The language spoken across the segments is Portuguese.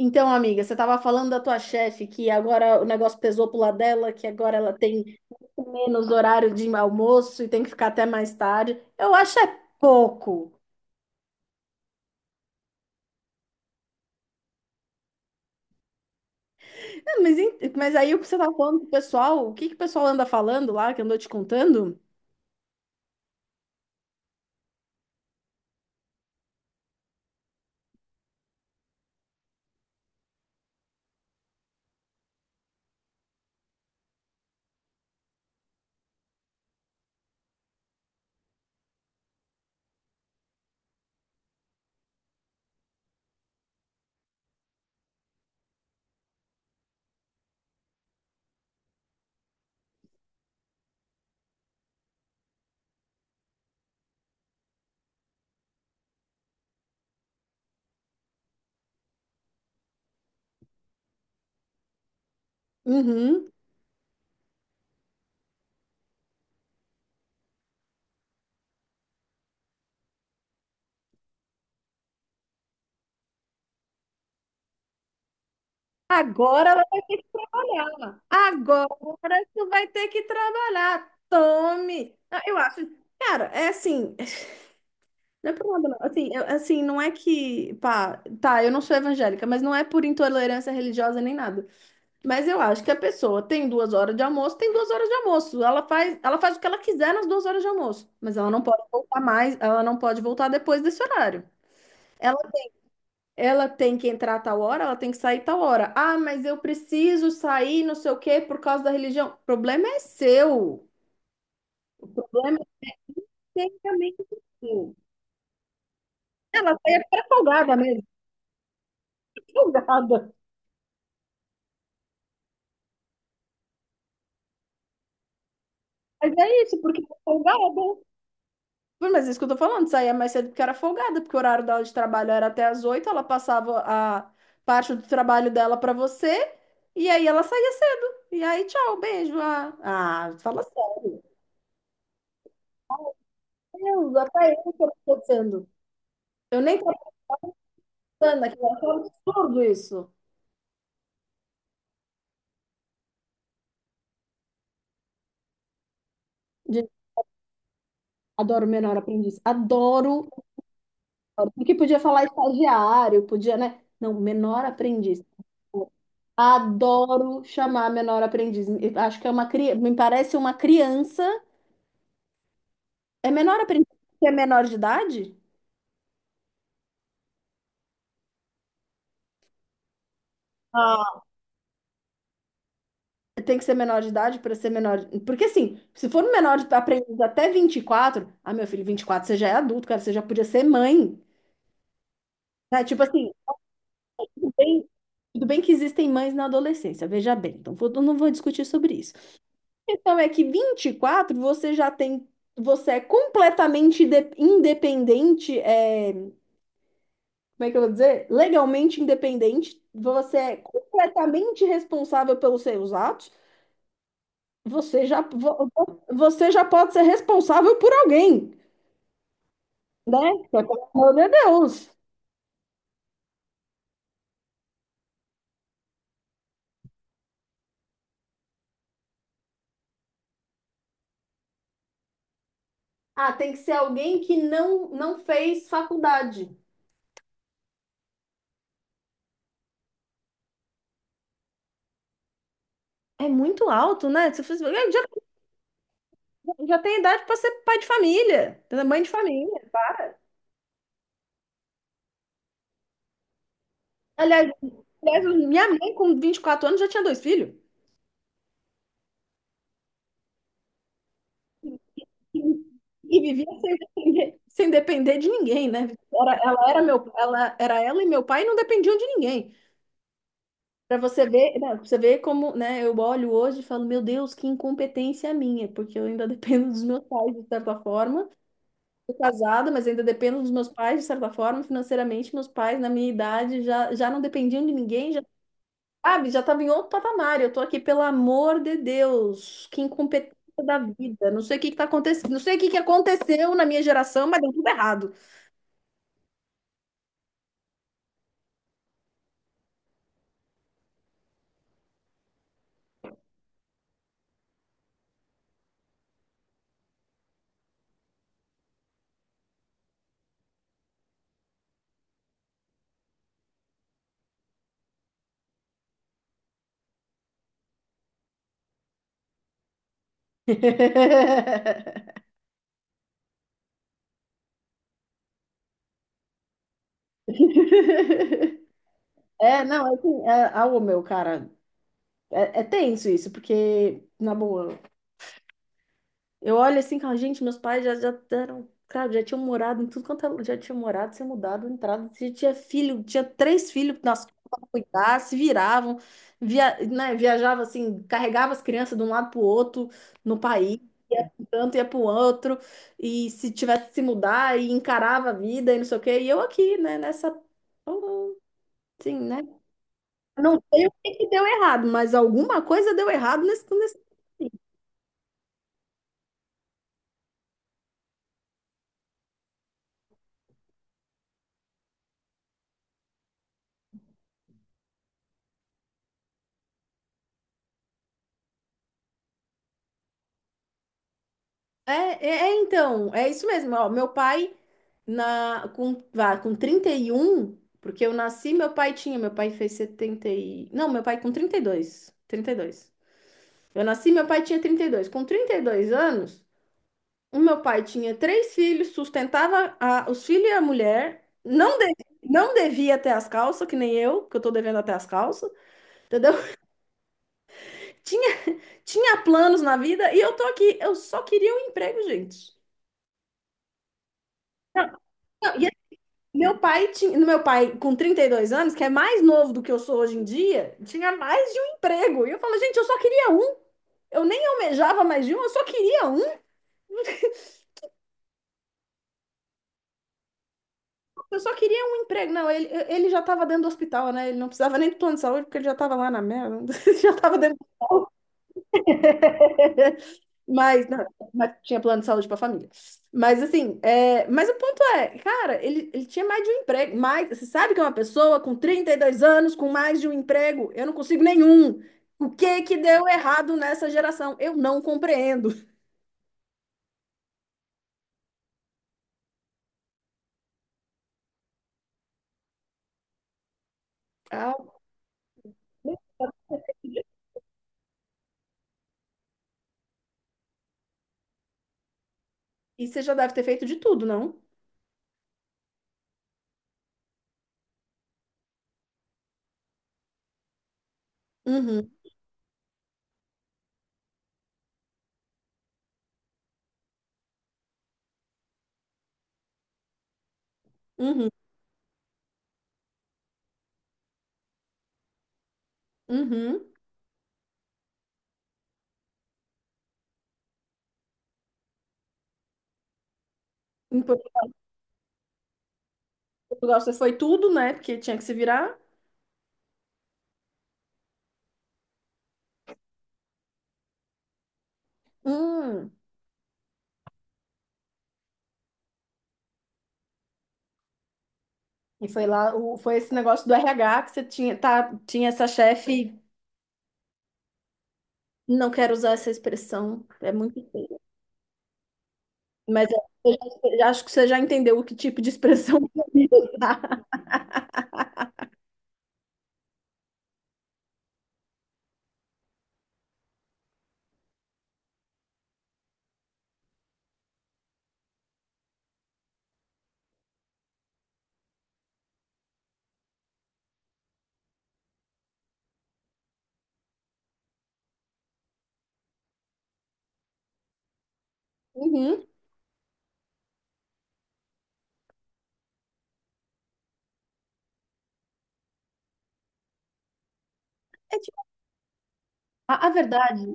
Então, amiga, você estava falando da tua chefe que agora o negócio pesou pro lado dela, que agora ela tem muito menos horário de almoço e tem que ficar até mais tarde. Eu acho é pouco. É, mas, mas aí o que você estava falando pro pessoal, o que que o pessoal anda falando lá, que andou te contando? Uhum. Agora ela vai ter que trabalhar. Agora tu vai ter que trabalhar. Tome. Ah, eu acho, cara, é assim. Não é por nada, não. Assim, assim, não é que, pá, tá, eu não sou evangélica, mas não é por intolerância religiosa nem nada. Mas eu acho que a pessoa tem 2 horas de almoço, tem duas horas de almoço. Ela faz o que ela quiser nas 2 horas de almoço, mas ela não pode voltar mais, ela não pode voltar depois desse horário. Ela, ela tem que entrar tal hora, ela tem que sair tal hora. Ah, mas eu preciso sair, não sei o quê, por causa da religião. O problema é seu. O problema é tecnicamente seu. Ela é folgada mesmo, folgada. Mas é isso, porque era folgada. Mas é isso que eu tô falando, saía mais cedo porque era folgada, porque o horário dela de trabalho era até as oito, ela passava a parte do trabalho dela pra você, e aí ela saía cedo. E aí, tchau, beijo. Ah, fala sério. Meu Deus, até eu tô pensando. Eu nem tô pensando aqui, eu acho um absurdo isso. De- Adoro menor aprendiz. Adoro. Adoro. Porque podia falar estagiário, podia, né? Não, menor aprendiz. Adoro chamar menor aprendiz. Eu acho que é uma criança, me parece uma criança. É menor aprendiz que é menor de idade? Ah, tem que ser menor de idade para ser menor. Porque assim, se for um menor de aprendiz até 24. Ah, meu filho, 24. Você já é adulto, cara, você já podia ser mãe. Né? Tipo assim, tudo bem, tudo bem que existem mães na adolescência, veja bem. Então, eu não vou discutir sobre isso. A questão é que 24 você já tem, você é completamente independente, é, como é que eu vou dizer? Legalmente independente, você é completamente responsável pelos seus atos, você já, você já pode ser responsável por alguém, né? Só que, pelo amor de Deus. Ah, tem que ser alguém que não fez faculdade. É muito alto, né? Já, já tem idade para ser pai de família, mãe de família. Aliás, aliás, minha mãe com 24 anos já tinha dois filhos. E vivia sem depender, sem depender de ninguém, né? Era, ela era ela e meu pai e não dependiam de ninguém. Para você ver, né, pra você ver como, né, eu olho hoje e falo, meu Deus, que incompetência a minha, porque eu ainda dependo dos meus pais de certa forma. Tô casada, mas ainda dependo dos meus pais de certa forma, financeiramente, meus pais na minha idade já não dependiam de ninguém, já. Sabe, já estava em outro patamar. Eu tô aqui, pelo amor de Deus, que incompetência da vida. Não sei o que que tá acontecendo, não sei o que que aconteceu na minha geração, mas deu tudo errado. É, não, é assim, é, ah, ô, meu, cara, é, é tenso isso, porque, na boa, eu olho assim, e falo, gente, meus pais já eram, cara, já tinham morado em tudo quanto é já tinham morado, se mudado, entrado, já tinha filho, tinha três filhos nas costas pra cuidar, se viravam, via, né, viajava assim, carregava as crianças de um lado pro outro no país, ia pra um tanto, ia pro outro, e se tivesse que se mudar, e encarava a vida e não sei o quê, e eu aqui, né, nessa, assim, né, não sei o que que deu errado, mas alguma coisa deu errado nesse. É, então, é isso mesmo. Ó, meu pai, com 31, porque eu nasci, meu pai fez 70 e... Não, meu pai com 32. Eu nasci, meu pai tinha 32. Com 32 anos, o meu pai tinha três filhos, sustentava os filhos e a mulher, não, de, não devia até as calças, que nem eu, que eu tô devendo até as calças, entendeu? Tinha, tinha planos na vida e eu tô aqui, eu só queria um emprego, gente. Não, não, meu pai tinha, no meu pai com 32 anos, que é mais novo do que eu sou hoje em dia, tinha mais de um emprego. E eu falo, gente, eu só queria um. Eu nem almejava mais de um, eu só queria um. Eu só queria um emprego. Não, ele já estava dentro do hospital, né? Ele não precisava nem do plano de saúde, porque ele já estava lá na merda. Já estava dentro do hospital. Mas, não, mas tinha plano de saúde para a família. Mas assim, é, mas o ponto é, cara, ele tinha mais de um emprego. Mais, você sabe que é uma pessoa com 32 anos, com mais de um emprego, eu não consigo nenhum. O que que deu errado nessa geração? Eu não compreendo. Ah, e você já deve ter feito de tudo, não? Uhum, uhum, uhum. Em Portugal você foi tudo, né? Porque tinha que se virar. Hum. E foi lá, o, foi esse negócio do RH que você tinha, tá, tinha essa chefe. Não quero usar essa expressão, é muito feia. Mas é, eu já acho que você já entendeu o que tipo de expressão eu ia usar. Uhum. É tipo, a verdade,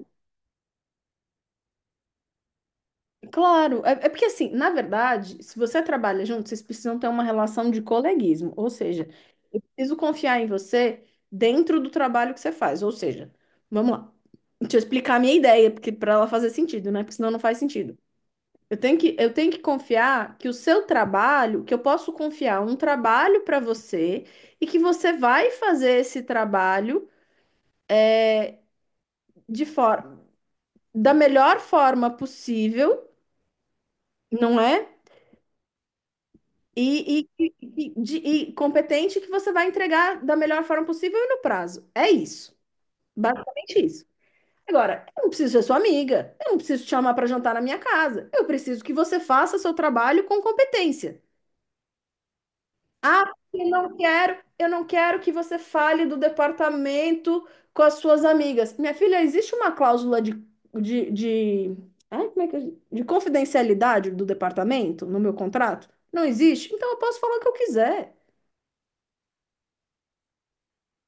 claro. É, é porque, assim, na verdade, se você trabalha junto, vocês precisam ter uma relação de coleguismo. Ou seja, eu preciso confiar em você dentro do trabalho que você faz. Ou seja, vamos lá. Deixa eu explicar a minha ideia, porque para ela fazer sentido, né? Porque senão não faz sentido. Eu tenho que confiar que o seu trabalho, que eu posso confiar um trabalho para você e que você vai fazer esse trabalho de forma, da melhor forma possível, não é? E, e competente que você vai entregar da melhor forma possível e no prazo. É isso. Basicamente isso. Agora, eu não preciso ser sua amiga, eu não preciso te chamar para jantar na minha casa. Eu preciso que você faça seu trabalho com competência. Ah, porque não quero, eu não quero que você fale do departamento com as suas amigas. Minha filha, existe uma cláusula de, ai, como é que é? De confidencialidade do departamento no meu contrato? Não existe? Então eu posso falar o que eu quiser.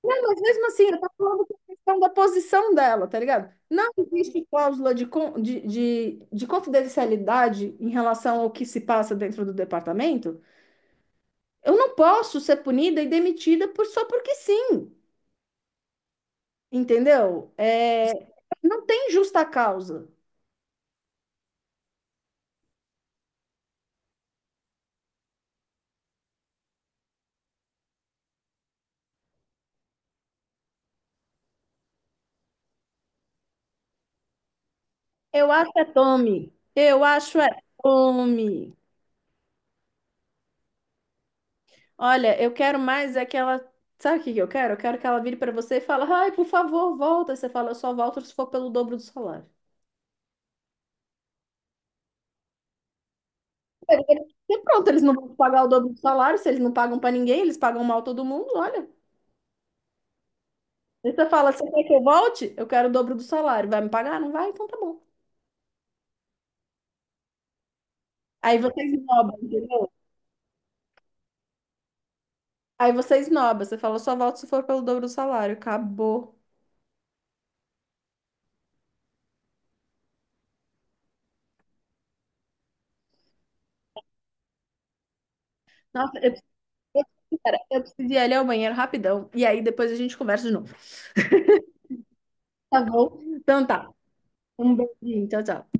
Não, mas mesmo assim, eu tô falando com questão da posição dela, tá ligado? Não existe cláusula de, de confidencialidade em relação ao que se passa dentro do departamento. Eu não posso ser punida e demitida por, só porque sim. Entendeu? É, não tem justa causa. Eu acho é Tommy. Eu acho é Tommy. Olha, eu quero mais é que ela. Sabe o que que eu quero? Eu quero que ela vire para você e fale, ai, por favor, volta. Você fala, eu só volto se for pelo dobro do salário. E pronto, eles não vão pagar o dobro do salário, se eles não pagam para ninguém, eles pagam mal todo mundo, olha. Aí você fala, você quer que eu volte? Eu quero o dobro do salário. Vai me pagar? Não vai? Então tá bom. Aí você esnoba, entendeu? Aí você esnoba, você fala, só volto se for pelo dobro do salário. Acabou. Nossa, eu. Cara, eu preciso ir ali ao banheiro rapidão. E aí depois a gente conversa de novo. Tá bom? Então tá. Um beijinho. Tchau, tchau.